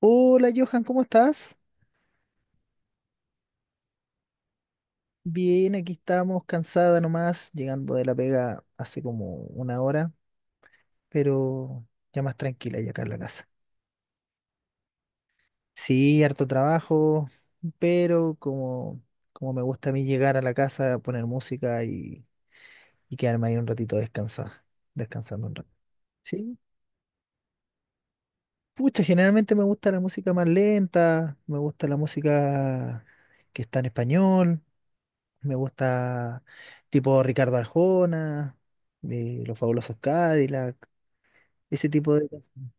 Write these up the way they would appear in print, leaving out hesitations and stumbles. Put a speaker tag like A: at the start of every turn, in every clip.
A: Hola Johan, ¿cómo estás? Bien, aquí estamos, cansada nomás, llegando de la pega hace como una hora, pero ya más tranquila ya acá en la casa. Sí, harto trabajo, pero como, como me gusta a mí llegar a la casa, poner música y quedarme ahí un ratito descansar, descansando un rato. Sí, pucha, generalmente me gusta la música más lenta, me gusta la música que está en español. Me gusta tipo Ricardo Arjona, Los Fabulosos Cadillac, ese tipo de canciones.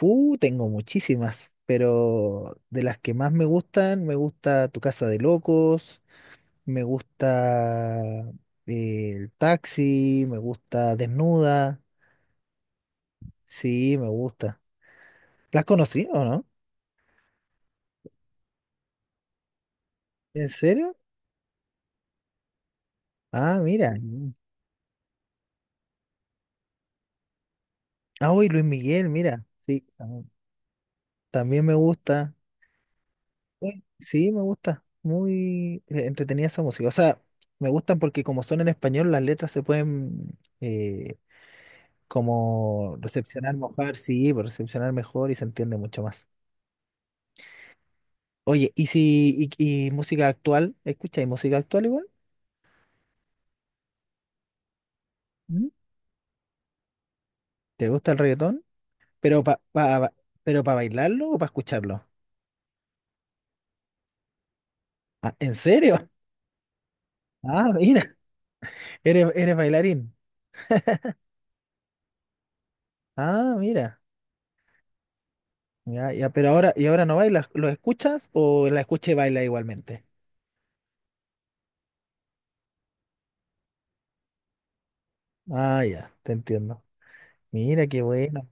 A: Tengo muchísimas, pero de las que más me gustan, me gusta Tu Casa de Locos, me gusta El Taxi, me gusta Desnuda, sí, me gusta. ¿Las conocí o no? ¿En serio? Ah, mira. Mm. Ah, uy, Luis Miguel, mira. Sí, también me gusta. Sí, sí, me gusta. Muy entretenida esa música. O sea, me gustan porque como son en español, las letras se pueden como recepcionar mejor, sí, pues, recepcionar mejor y se entiende mucho más. Oye, ¿y si y, y música actual? ¿Escucháis música actual igual? ¿Mm? ¿Te gusta el reggaetón? ¿Pero pero para bailarlo o para escucharlo? Ah, ¿en serio? Ah, mira, eres, eres bailarín. Ah, mira. Ya, ya, pero ahora, ¿y ahora no bailas? ¿Lo escuchas o la escucha y baila igualmente? Ah, ya, te entiendo. Mira, qué bueno.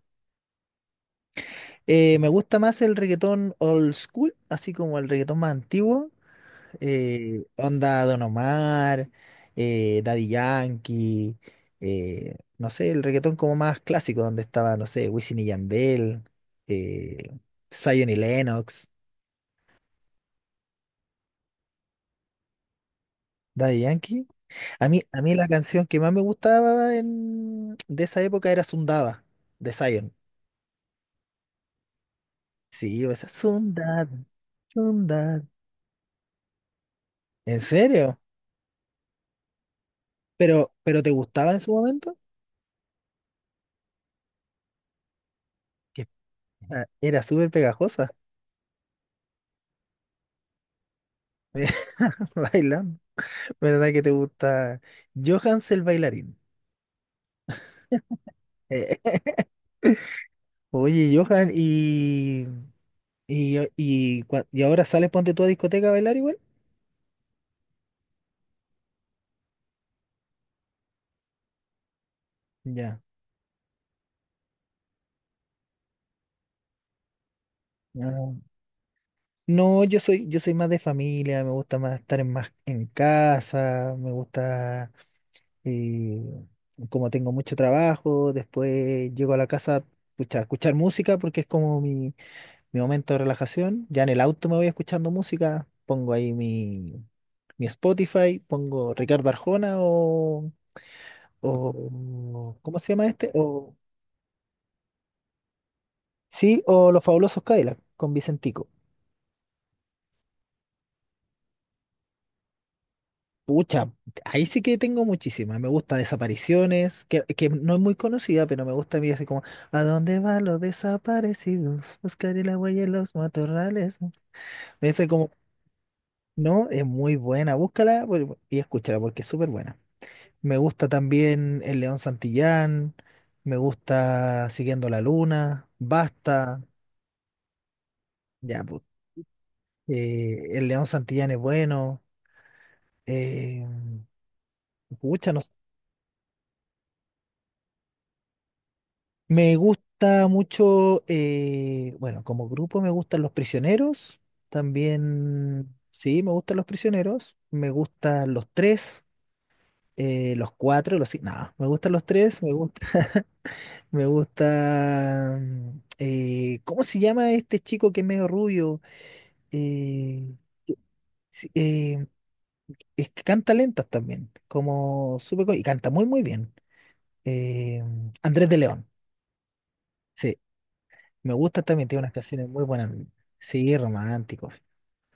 A: Me gusta más el reggaetón old school, así como el reggaetón más antiguo. Onda Don Omar, Daddy Yankee, no sé, el reggaetón como más clásico, donde estaba, no sé, Wisin y Yandel, eh, Zion y Lennox, Daddy Yankee. A mí la canción que más me gustaba de esa época era Sundaba, de Zion. Sí, esa Sundada, Sundada. ¿En serio? Pero ¿te gustaba en su momento? Que- Ah, era súper pegajosa. Bailando. ¿Verdad que te gusta? Johans el bailarín. Eh, oye, Johan, y y ahora sales ponte tú a discoteca a bailar igual? Ya. Ah, no, yo soy más de familia, me gusta más estar en más en casa, me gusta eh, como tengo mucho trabajo, después llego a la casa pucha, a escuchar música porque es como mi momento de relajación. Ya en el auto me voy escuchando música, pongo ahí mi Spotify, pongo Ricardo Arjona o ¿cómo se llama este? O sí, o Los Fabulosos Cadillac con Vicentico. Pucha, ahí sí que tengo muchísimas. Me gusta Desapariciones, que no es muy conocida, pero me gusta a mí así como ¿A dónde van los desaparecidos? Buscaré la huella en los matorrales. Me dice como, no, es muy buena, y escúchala porque es súper buena. Me gusta también El León Santillán, me gusta Siguiendo la Luna, Basta, ya, pues, El León Santillán es bueno, eh, pucha, no sé. Me gusta mucho, bueno, como grupo me gustan Los Prisioneros, también, sí, me gustan Los Prisioneros, me gustan Los Tres, Los Cuatro, los cinco, no, me gustan Los Tres, me gusta, me gusta, ¿cómo se llama este chico que es medio rubio? Eh, sí, eh, es que canta lentas también, como y canta muy muy bien. Eh, Andrés de León, sí, me gusta también, tiene unas canciones muy buenas, sí, romántico,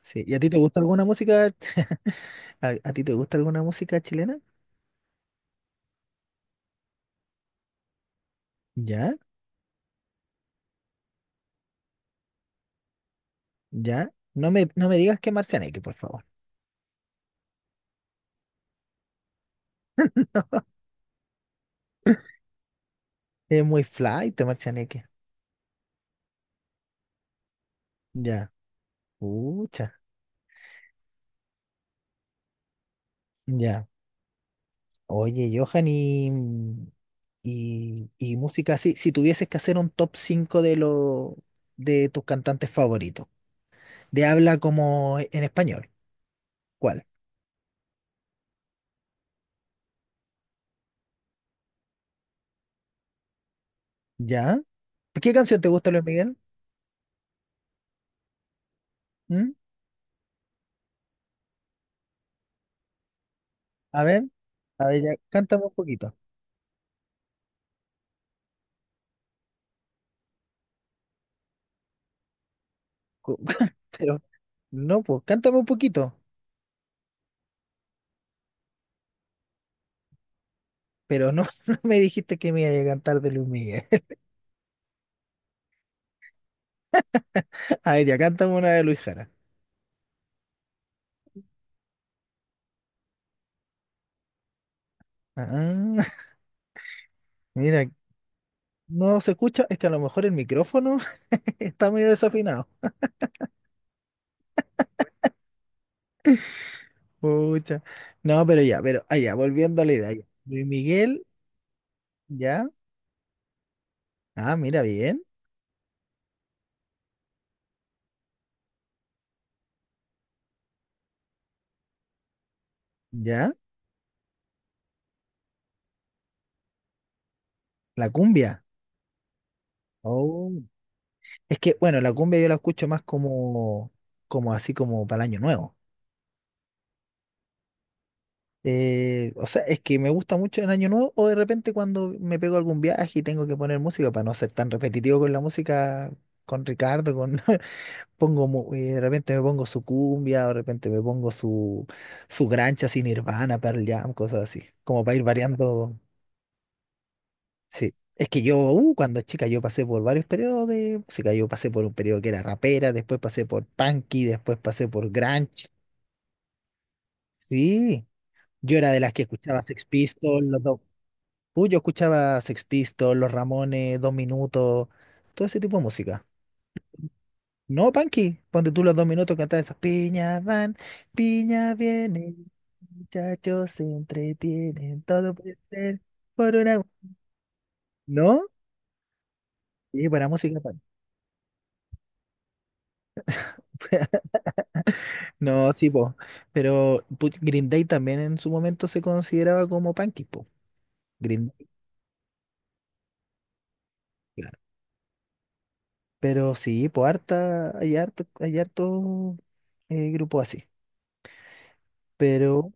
A: sí. ¿Y a ti te gusta alguna música? ¿A, a ti te gusta alguna música chilena? Ya, ya. No me digas que Marcianeque, por favor. Es muy fly, te Marcianeque. Ya, pucha, ya. Oye, Johan, y música así, si tuvieses que hacer un top 5 de tus cantantes favoritos, de habla como en español, ¿cuál? ¿Ya? ¿Qué canción te gusta, Luis Miguel? ¿Mm? A ver, a ver, ya, cántame un poquito. Cu- Pero, no, pues, cántame un poquito. Pero no, no me dijiste que me iba a cantar de Luis Miguel. A ver, ya, cántame una de Luis Jara. Ah, mira, no se escucha, es que a lo mejor el micrófono está medio desafinado. Pucha. No, pero ya, pero allá, volviendo a la idea. Ya. Luis Miguel, ya. Ah, mira, bien. Ya. La cumbia. Oh. Es que, bueno, la cumbia yo la escucho más como, como así como para el año nuevo. O sea, es que me gusta mucho en año nuevo o de repente cuando me pego algún viaje y tengo que poner música para no ser tan repetitivo con la música, con Ricardo, con de repente me pongo su cumbia, o de repente me pongo su grancha sin Nirvana, Pearl Jam, cosas así, como para ir variando. Sí, es que yo, cuando chica, yo pasé por varios periodos de música. Yo pasé por un periodo que era rapera, después pasé por punky, después pasé por grunge. Sí, yo era de las que escuchaba Sex Pistols, los dos. Yo escuchaba Sex Pistols, Los Ramones, Dos Minutos, todo ese tipo de música. No, punky, ponte tú los Dos Minutos cantar esas. Piña van, piña vienen, muchachos se entretienen, todo puede ser por una. ¿No? Sí, para música. No, sí, po. Green Day también en su momento se consideraba como punky, po. Green Day, claro. Pero sí, po, hay harto grupo así. Pero,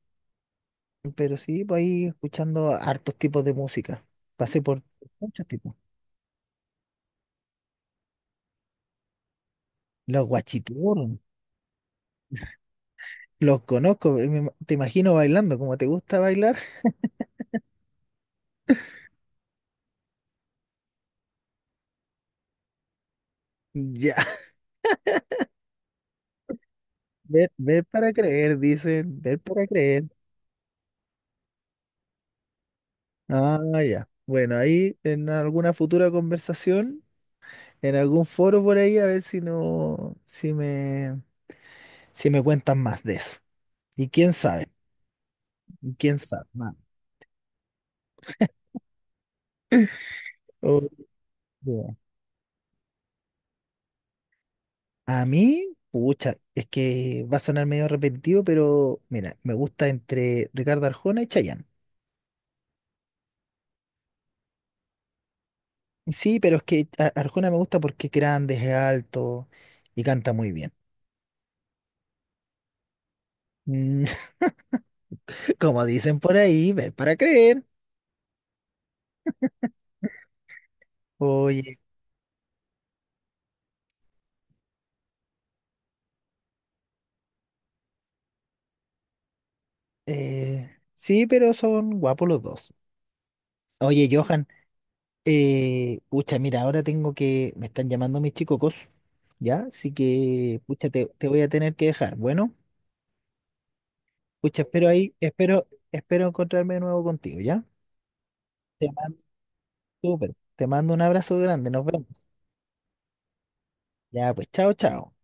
A: pero sí, pues ahí escuchando hartos tipos de música. Pasé por muchos tipos. Los guachiturros, los conozco. Te imagino bailando, como te gusta bailar. Ya, ver, ver para creer, dicen, ver para creer. Ah, ya. Bueno, ahí en alguna futura conversación. En algún foro por ahí a ver si no, si me cuentan más de eso. Y quién sabe, y quién sabe. Oh, yeah. A mí, pucha, es que va a sonar medio repetitivo, pero mira, me gusta entre Ricardo Arjona y Chayanne. Sí, pero es que Arjona me gusta porque es grande, es alto y canta muy bien. Mm, como dicen por ahí, ver para creer. Oye, sí, pero son guapos los dos. Oye, Johan. Pucha, mira, ahora tengo que, me están llamando mis chicos, ¿ya? Así que, pucha, te voy a tener que dejar. Bueno, pucha, espero ahí, espero, espero encontrarme de nuevo contigo, ¿ya? Te mando, súper, te mando un abrazo grande, nos vemos. Ya, pues, chao, chao.